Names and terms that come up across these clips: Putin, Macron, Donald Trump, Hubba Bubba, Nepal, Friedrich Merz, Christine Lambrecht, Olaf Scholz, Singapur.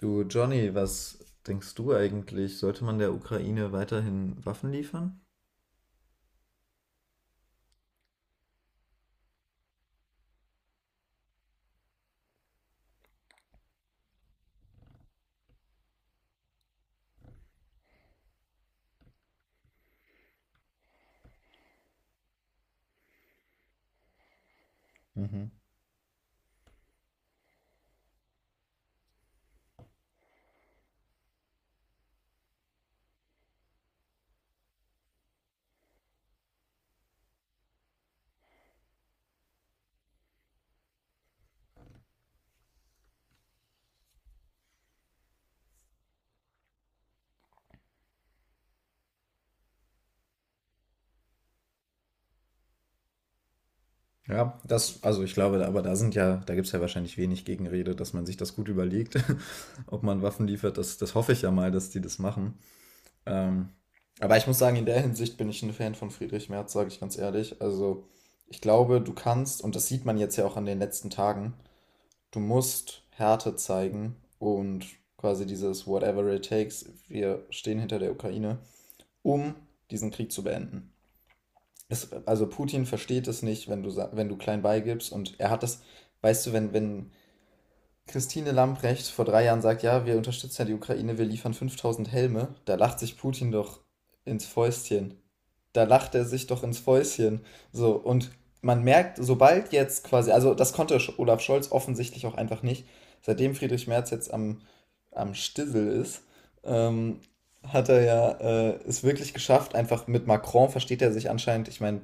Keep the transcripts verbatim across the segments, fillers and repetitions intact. Du, Johnny, was denkst du eigentlich? Sollte man der Ukraine weiterhin Waffen liefern? Mhm. Ja, das, also ich glaube, aber da sind ja, da gibt es ja wahrscheinlich wenig Gegenrede, dass man sich das gut überlegt, ob man Waffen liefert. Das, das hoffe ich ja mal, dass die das machen. Ähm, aber ich muss sagen, in der Hinsicht bin ich ein Fan von Friedrich Merz, sage ich ganz ehrlich. Also ich glaube, du kannst, und das sieht man jetzt ja auch an den letzten Tagen, du musst Härte zeigen und quasi dieses Whatever it takes, wir stehen hinter der Ukraine, um diesen Krieg zu beenden. Es, also Putin versteht es nicht, wenn du, wenn du klein beigibst, und er hat das, weißt du, wenn, wenn Christine Lambrecht vor drei Jahren sagt, ja, wir unterstützen ja die Ukraine, wir liefern fünftausend Helme, da lacht sich Putin doch ins Fäustchen. Da lacht er sich doch ins Fäustchen. So, und man merkt, sobald jetzt quasi, also das konnte Olaf Scholz offensichtlich auch einfach nicht, seitdem Friedrich Merz jetzt am, am Stissel ist, ähm, hat er ja äh, es wirklich geschafft, einfach mit Macron versteht er sich anscheinend, ich meine,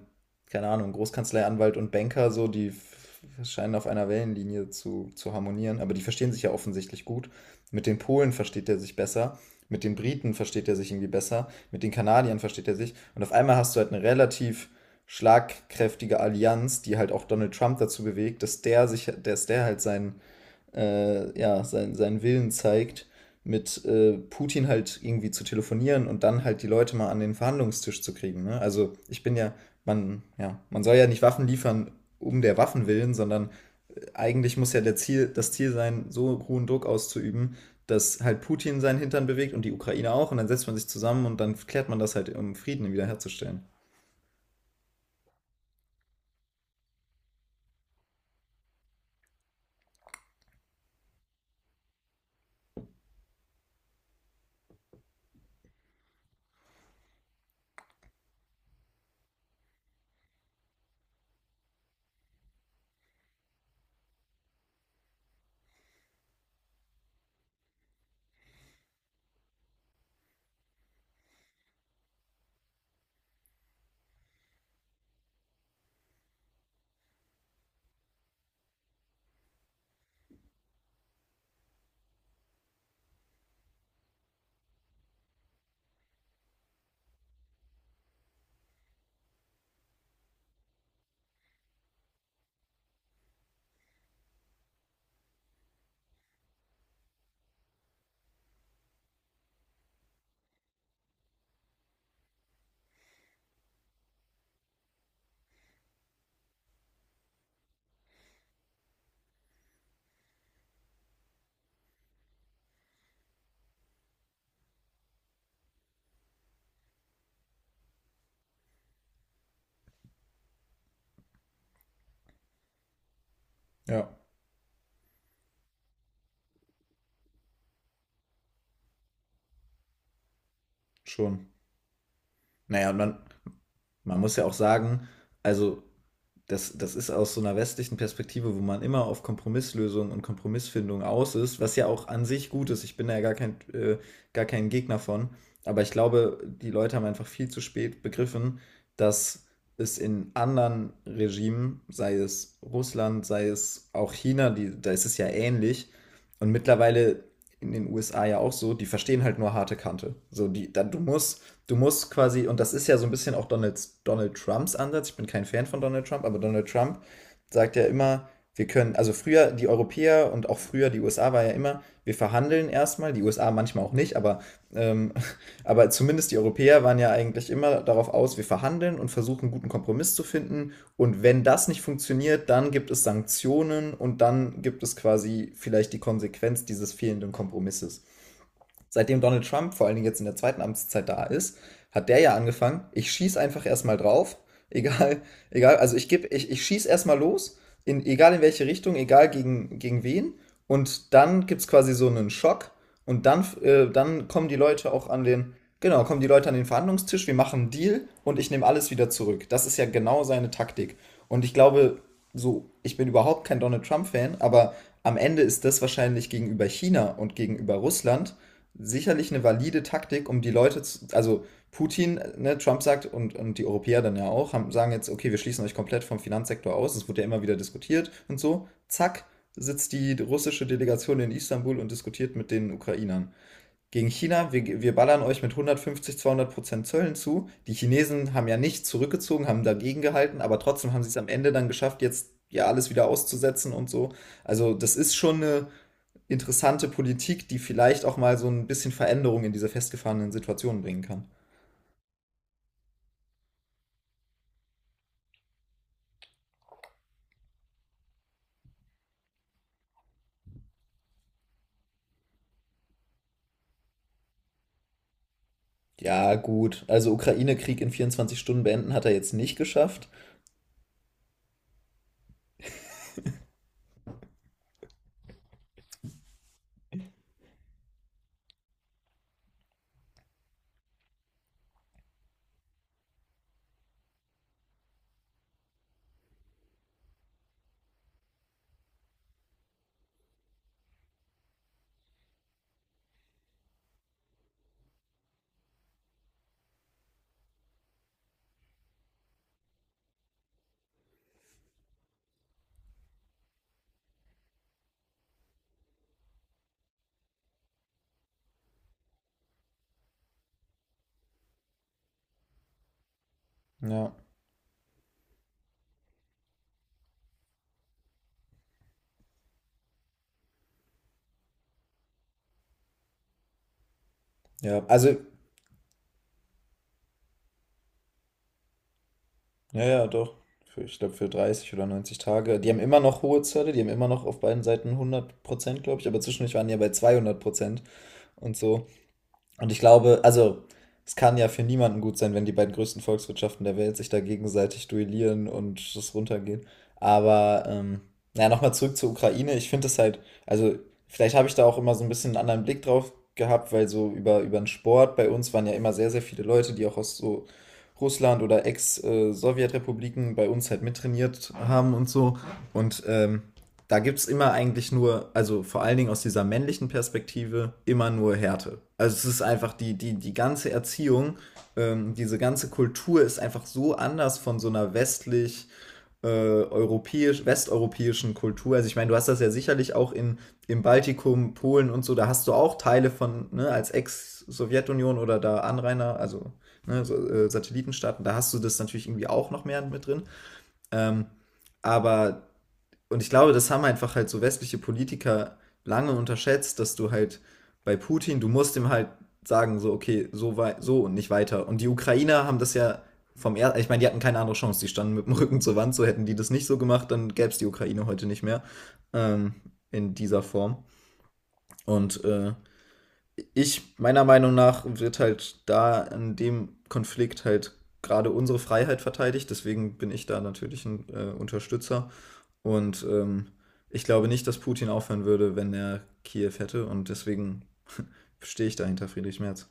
keine Ahnung, Großkanzlei, Anwalt und Banker, so, die f- scheinen auf einer Wellenlinie zu, zu harmonieren, aber die verstehen sich ja offensichtlich gut. Mit den Polen versteht er sich besser, mit den Briten versteht er sich irgendwie besser, mit den Kanadiern versteht er sich. Und auf einmal hast du halt eine relativ schlagkräftige Allianz, die halt auch Donald Trump dazu bewegt, dass der sich, dass der halt seinen äh, ja, sein, seinen Willen zeigt, mit äh, Putin halt irgendwie zu telefonieren und dann halt die Leute mal an den Verhandlungstisch zu kriegen. Ne? Also ich bin ja, man, ja, man soll ja nicht Waffen liefern um der Waffen willen, sondern äh, eigentlich muss ja der Ziel, das Ziel sein, so hohen Druck auszuüben, dass halt Putin seinen Hintern bewegt und die Ukraine auch, und dann setzt man sich zusammen und dann klärt man das halt, um Frieden wiederherzustellen. Ja, schon. Naja, und man, man muss ja auch sagen, also das, das ist aus so einer westlichen Perspektive, wo man immer auf Kompromisslösungen und Kompromissfindung aus ist, was ja auch an sich gut ist. Ich bin da ja gar kein, äh, gar kein Gegner von. Aber ich glaube, die Leute haben einfach viel zu spät begriffen, dass es in anderen Regimen, sei es Russland, sei es auch China, die, da ist es ja ähnlich. Und mittlerweile in den U S A ja auch so, die verstehen halt nur harte Kante. So, die, da, du musst du musst quasi, und das ist ja so ein bisschen auch Donald, Donald Trumps Ansatz, ich bin kein Fan von Donald Trump, aber Donald Trump sagt ja immer, wir können, also früher die Europäer und auch früher die U S A war ja immer, wir verhandeln erstmal, die U S A manchmal auch nicht, aber, ähm, aber zumindest die Europäer waren ja eigentlich immer darauf aus, wir verhandeln und versuchen, einen guten Kompromiss zu finden. Und wenn das nicht funktioniert, dann gibt es Sanktionen und dann gibt es quasi vielleicht die Konsequenz dieses fehlenden Kompromisses. Seitdem Donald Trump vor allen Dingen jetzt in der zweiten Amtszeit da ist, hat der ja angefangen, ich schieß einfach erstmal drauf, egal, egal, also ich gebe, ich, ich schieß erstmal los, in, egal in welche Richtung, egal gegen, gegen wen, und dann gibt's quasi so einen Schock und dann, äh, dann kommen die Leute auch an den, genau, kommen die Leute an den Verhandlungstisch, wir machen einen Deal und ich nehme alles wieder zurück. Das ist ja genau seine Taktik. Und ich glaube, so, ich bin überhaupt kein Donald Trump-Fan, aber am Ende ist das wahrscheinlich gegenüber China und gegenüber Russland sicherlich eine valide Taktik, um die Leute zu, also Putin, ne, Trump sagt, und, und die Europäer dann ja auch, haben, sagen jetzt, okay, wir schließen euch komplett vom Finanzsektor aus, das wurde ja immer wieder diskutiert und so, zack, sitzt die russische Delegation in Istanbul und diskutiert mit den Ukrainern. Gegen China, wir, wir ballern euch mit hundertfünfzig, zweihundert Prozent Zöllen zu. Die Chinesen haben ja nicht zurückgezogen, haben dagegen gehalten, aber trotzdem haben sie es am Ende dann geschafft, jetzt ja alles wieder auszusetzen und so. Also das ist schon eine interessante Politik, die vielleicht auch mal so ein bisschen Veränderung in diese festgefahrenen Situationen bringen kann. Ja, gut. Also Ukraine-Krieg in vierundzwanzig Stunden beenden hat er jetzt nicht geschafft. Ja, ja. Also, ja, ja, doch. Für, ich glaube, für dreißig oder neunzig Tage. Die haben immer noch hohe Zölle, die haben immer noch auf beiden Seiten hundert Prozent, glaube ich, aber zwischendurch waren die ja bei zweihundert Prozent und so. Und ich glaube, also es kann ja für niemanden gut sein, wenn die beiden größten Volkswirtschaften der Welt sich da gegenseitig duellieren und das runtergehen. Aber ähm, ja, nochmal zurück zur Ukraine. Ich finde es halt, also vielleicht habe ich da auch immer so ein bisschen einen anderen Blick drauf gehabt, weil so über, über den Sport bei uns waren ja immer sehr, sehr viele Leute, die auch aus so Russland oder Ex-Sowjetrepubliken bei uns halt mittrainiert haben und so. Und ähm, da gibt es immer eigentlich nur, also vor allen Dingen aus dieser männlichen Perspektive, immer nur Härte. Also es ist einfach die, die, die ganze Erziehung, ähm, diese ganze Kultur ist einfach so anders von so einer westlich, äh, europäisch, westeuropäischen Kultur. Also ich meine, du hast das ja sicherlich auch in, im Baltikum, Polen und so, da hast du auch Teile von, ne, als Ex-Sowjetunion oder da Anrainer, also ne, so, äh, Satellitenstaaten, da hast du das natürlich irgendwie auch noch mehr mit drin. Ähm, aber und ich glaube, das haben einfach halt so westliche Politiker lange unterschätzt, dass du halt bei Putin, du musst ihm halt sagen, so, okay, so, wei- so und nicht weiter. Und die Ukrainer haben das ja vom ersten, ich meine, die hatten keine andere Chance, die standen mit dem Rücken zur Wand, so hätten die das nicht so gemacht, dann gäbe es die Ukraine heute nicht mehr ähm, in dieser Form. Und äh, ich, meiner Meinung nach, wird halt da in dem Konflikt halt gerade unsere Freiheit verteidigt, deswegen bin ich da natürlich ein äh, Unterstützer. Und ähm, ich glaube nicht, dass Putin aufhören würde, wenn er Kiew hätte. Und deswegen stehe ich dahinter Friedrich Merz.